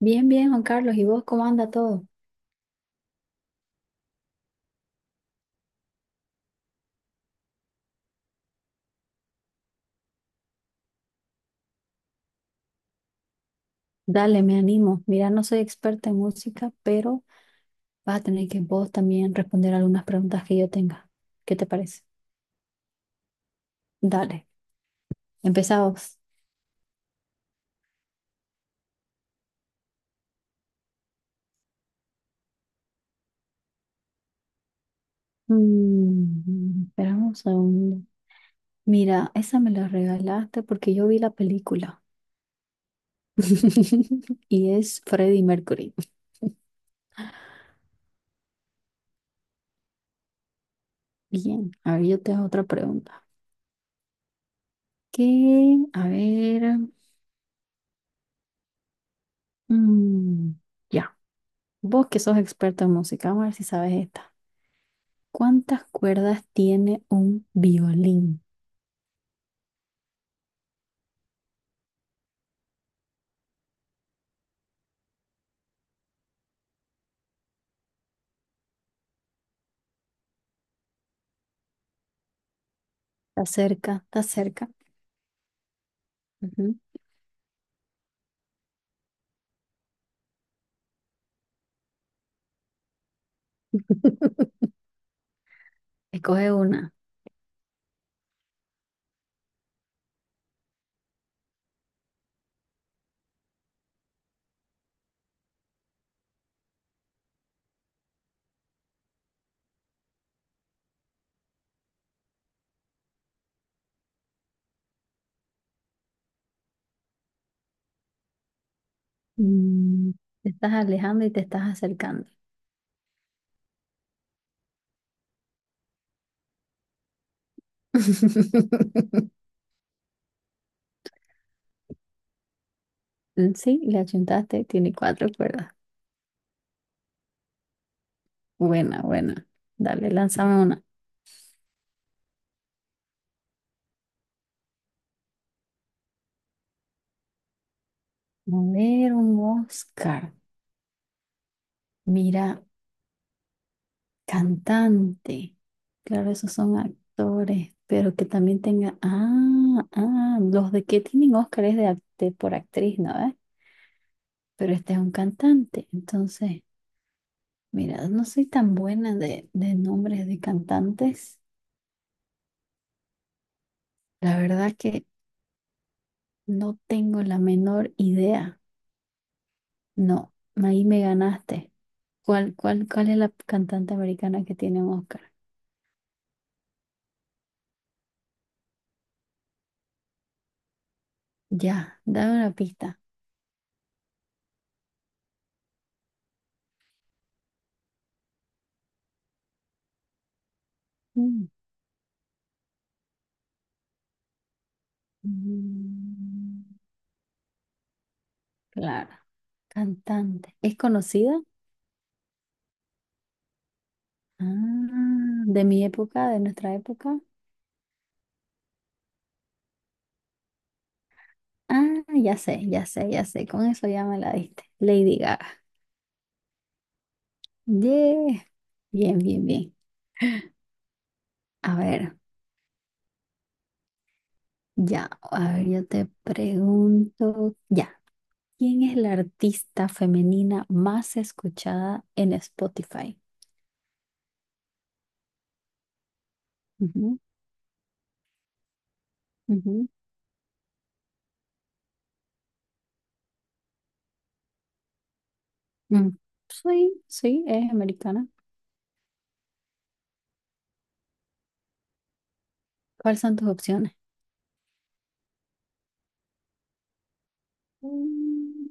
Bien, bien, Juan Carlos. ¿Y vos cómo anda todo? Dale, me animo. Mira, no soy experta en música, pero vas a tener que vos también responder algunas preguntas que yo tenga. ¿Qué te parece? Dale, empezamos. Mm, esperamos un segundo. Mira, esa me la regalaste porque yo vi la película. Y es Freddie Mercury. Bien, a ver, yo te hago otra pregunta. ¿Qué? A ver. mm, ya, Vos que sos experto en música, vamos a ver si sabes esto. ¿Cuántas cuerdas tiene un violín? Está cerca, está cerca. Ujú. Escoge una. Mm, te estás alejando y te estás acercando. Mm, sí, le achuntaste, tiene cuatro cuerdas. Buena, buena. Dale, lánzame una. A ver, un Oscar. Mira, cantante. Claro, esos son actores, pero que también tenga. Ah, ah, los de que tienen Oscar es de por actriz, ¿no? Pero este es un cantante. Entonces, mira, no soy tan buena de nombres de cantantes. La verdad que no tengo la menor idea. No, ahí me ganaste. ¿Cuál es la cantante americana que tiene un Oscar? Ya, dame una pista. Mm, mm, claro, cantante. ¿Es conocida? Ah, de mi época, de nuestra época. Ah, ya sé, ya sé, ya sé. Con eso ya me la diste. Lady Gaga. Yeah. Bien, bien, bien. A ver, ya, a ver, yo te pregunto, ya, ¿quién es la artista femenina más escuchada en Spotify? Ujú, ujú. Mm, sí, sí, es americana. ¿Cuáles son tus opciones? Mm,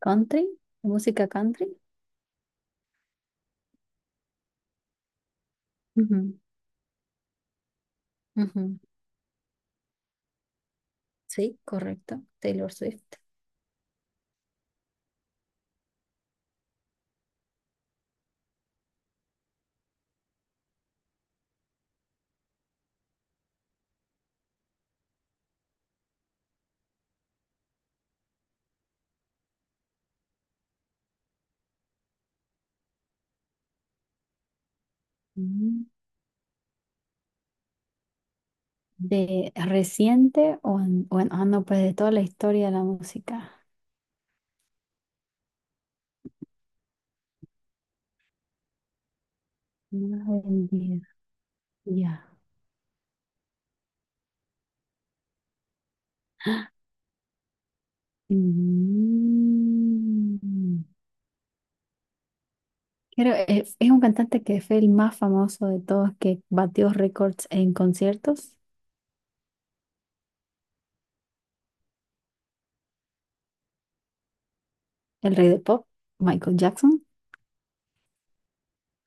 ¿country? ¿Música country? Ujú, ujú. Sí, correcto. Taylor Swift. Mm. ¿De reciente o, ah, no, pues de toda la historia de la música? Una vendida. Ya. Mm. Creo es un cantante que fue el más famoso de todos, que batió récords en conciertos, el rey del pop, Michael Jackson.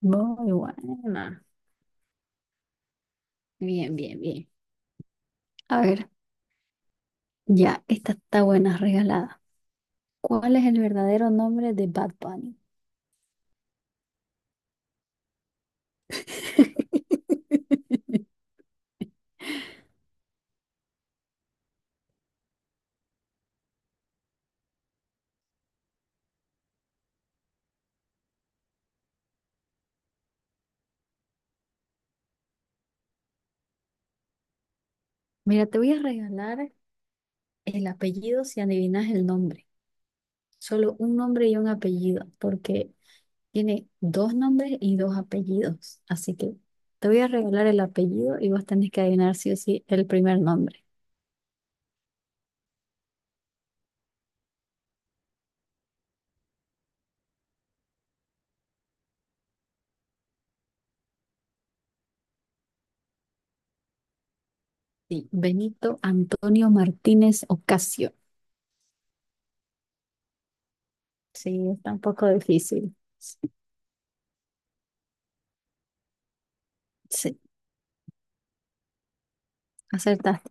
Muy buena. Bien, bien, bien. A ver, ya, esta está buena, regalada. ¿Cuál es el verdadero nombre de Bad Bunny? Mira, te voy a regalar el apellido si adivinas el nombre. Solo un nombre y un apellido, porque tiene dos nombres y dos apellidos, así que te voy a regalar el apellido y vos tenés que adivinar sí o sí el primer nombre. Sí, Benito Antonio Martínez Ocasio. Sí, está un poco difícil. Sí, acertaste.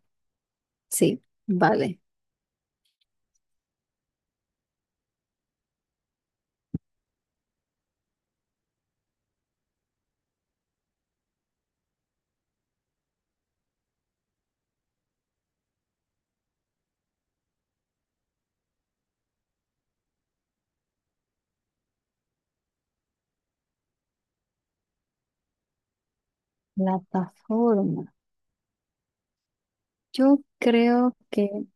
Sí, vale. Plataforma. Yo creo que,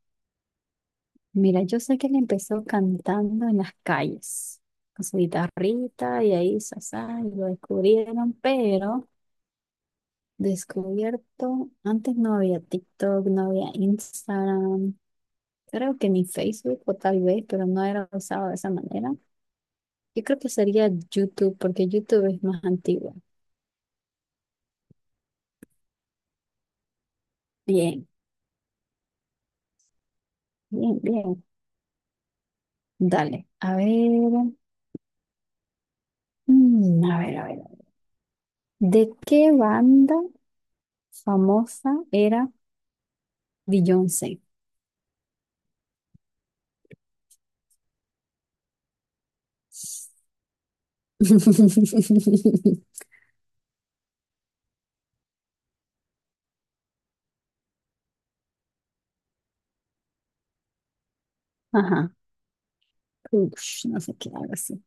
mira, yo sé que él empezó cantando en las calles con su guitarrita y ahí, sasá, y lo descubrieron, pero descubierto, antes no había TikTok, no había Instagram, creo que ni Facebook o tal vez, pero no era usado de esa manera. Yo creo que sería YouTube, porque YouTube es más antiguo. Bien, bien, bien. Dale, a ver, a ver. ¿De qué banda famosa era Beyoncé? Ajá, ush, no sé qué, algo así.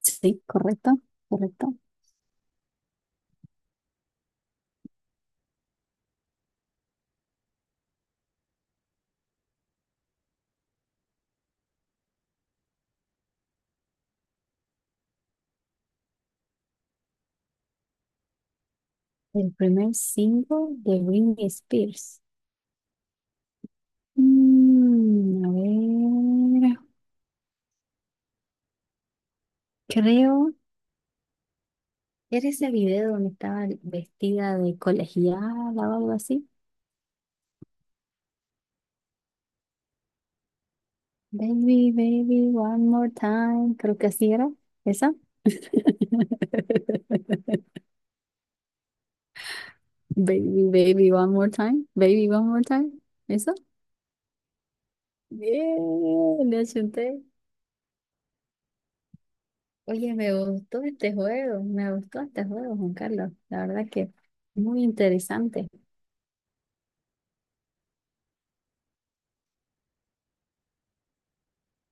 Sí, correcto, correcto. El primer single de Britney Spears. Mm, a ver, creo que era ese video donde estaba vestida de colegiala o algo así. Baby, baby, one more time. Creo que así era. ¿Esa? Baby, baby, one more time. Baby, one more time. ¿Eso? Bien, le achunté. Oye, me gustó este juego. Me gustó este juego, Juan Carlos. La verdad que muy interesante.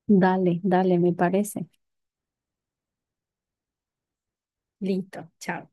Dale, dale, me parece. Listo, chao.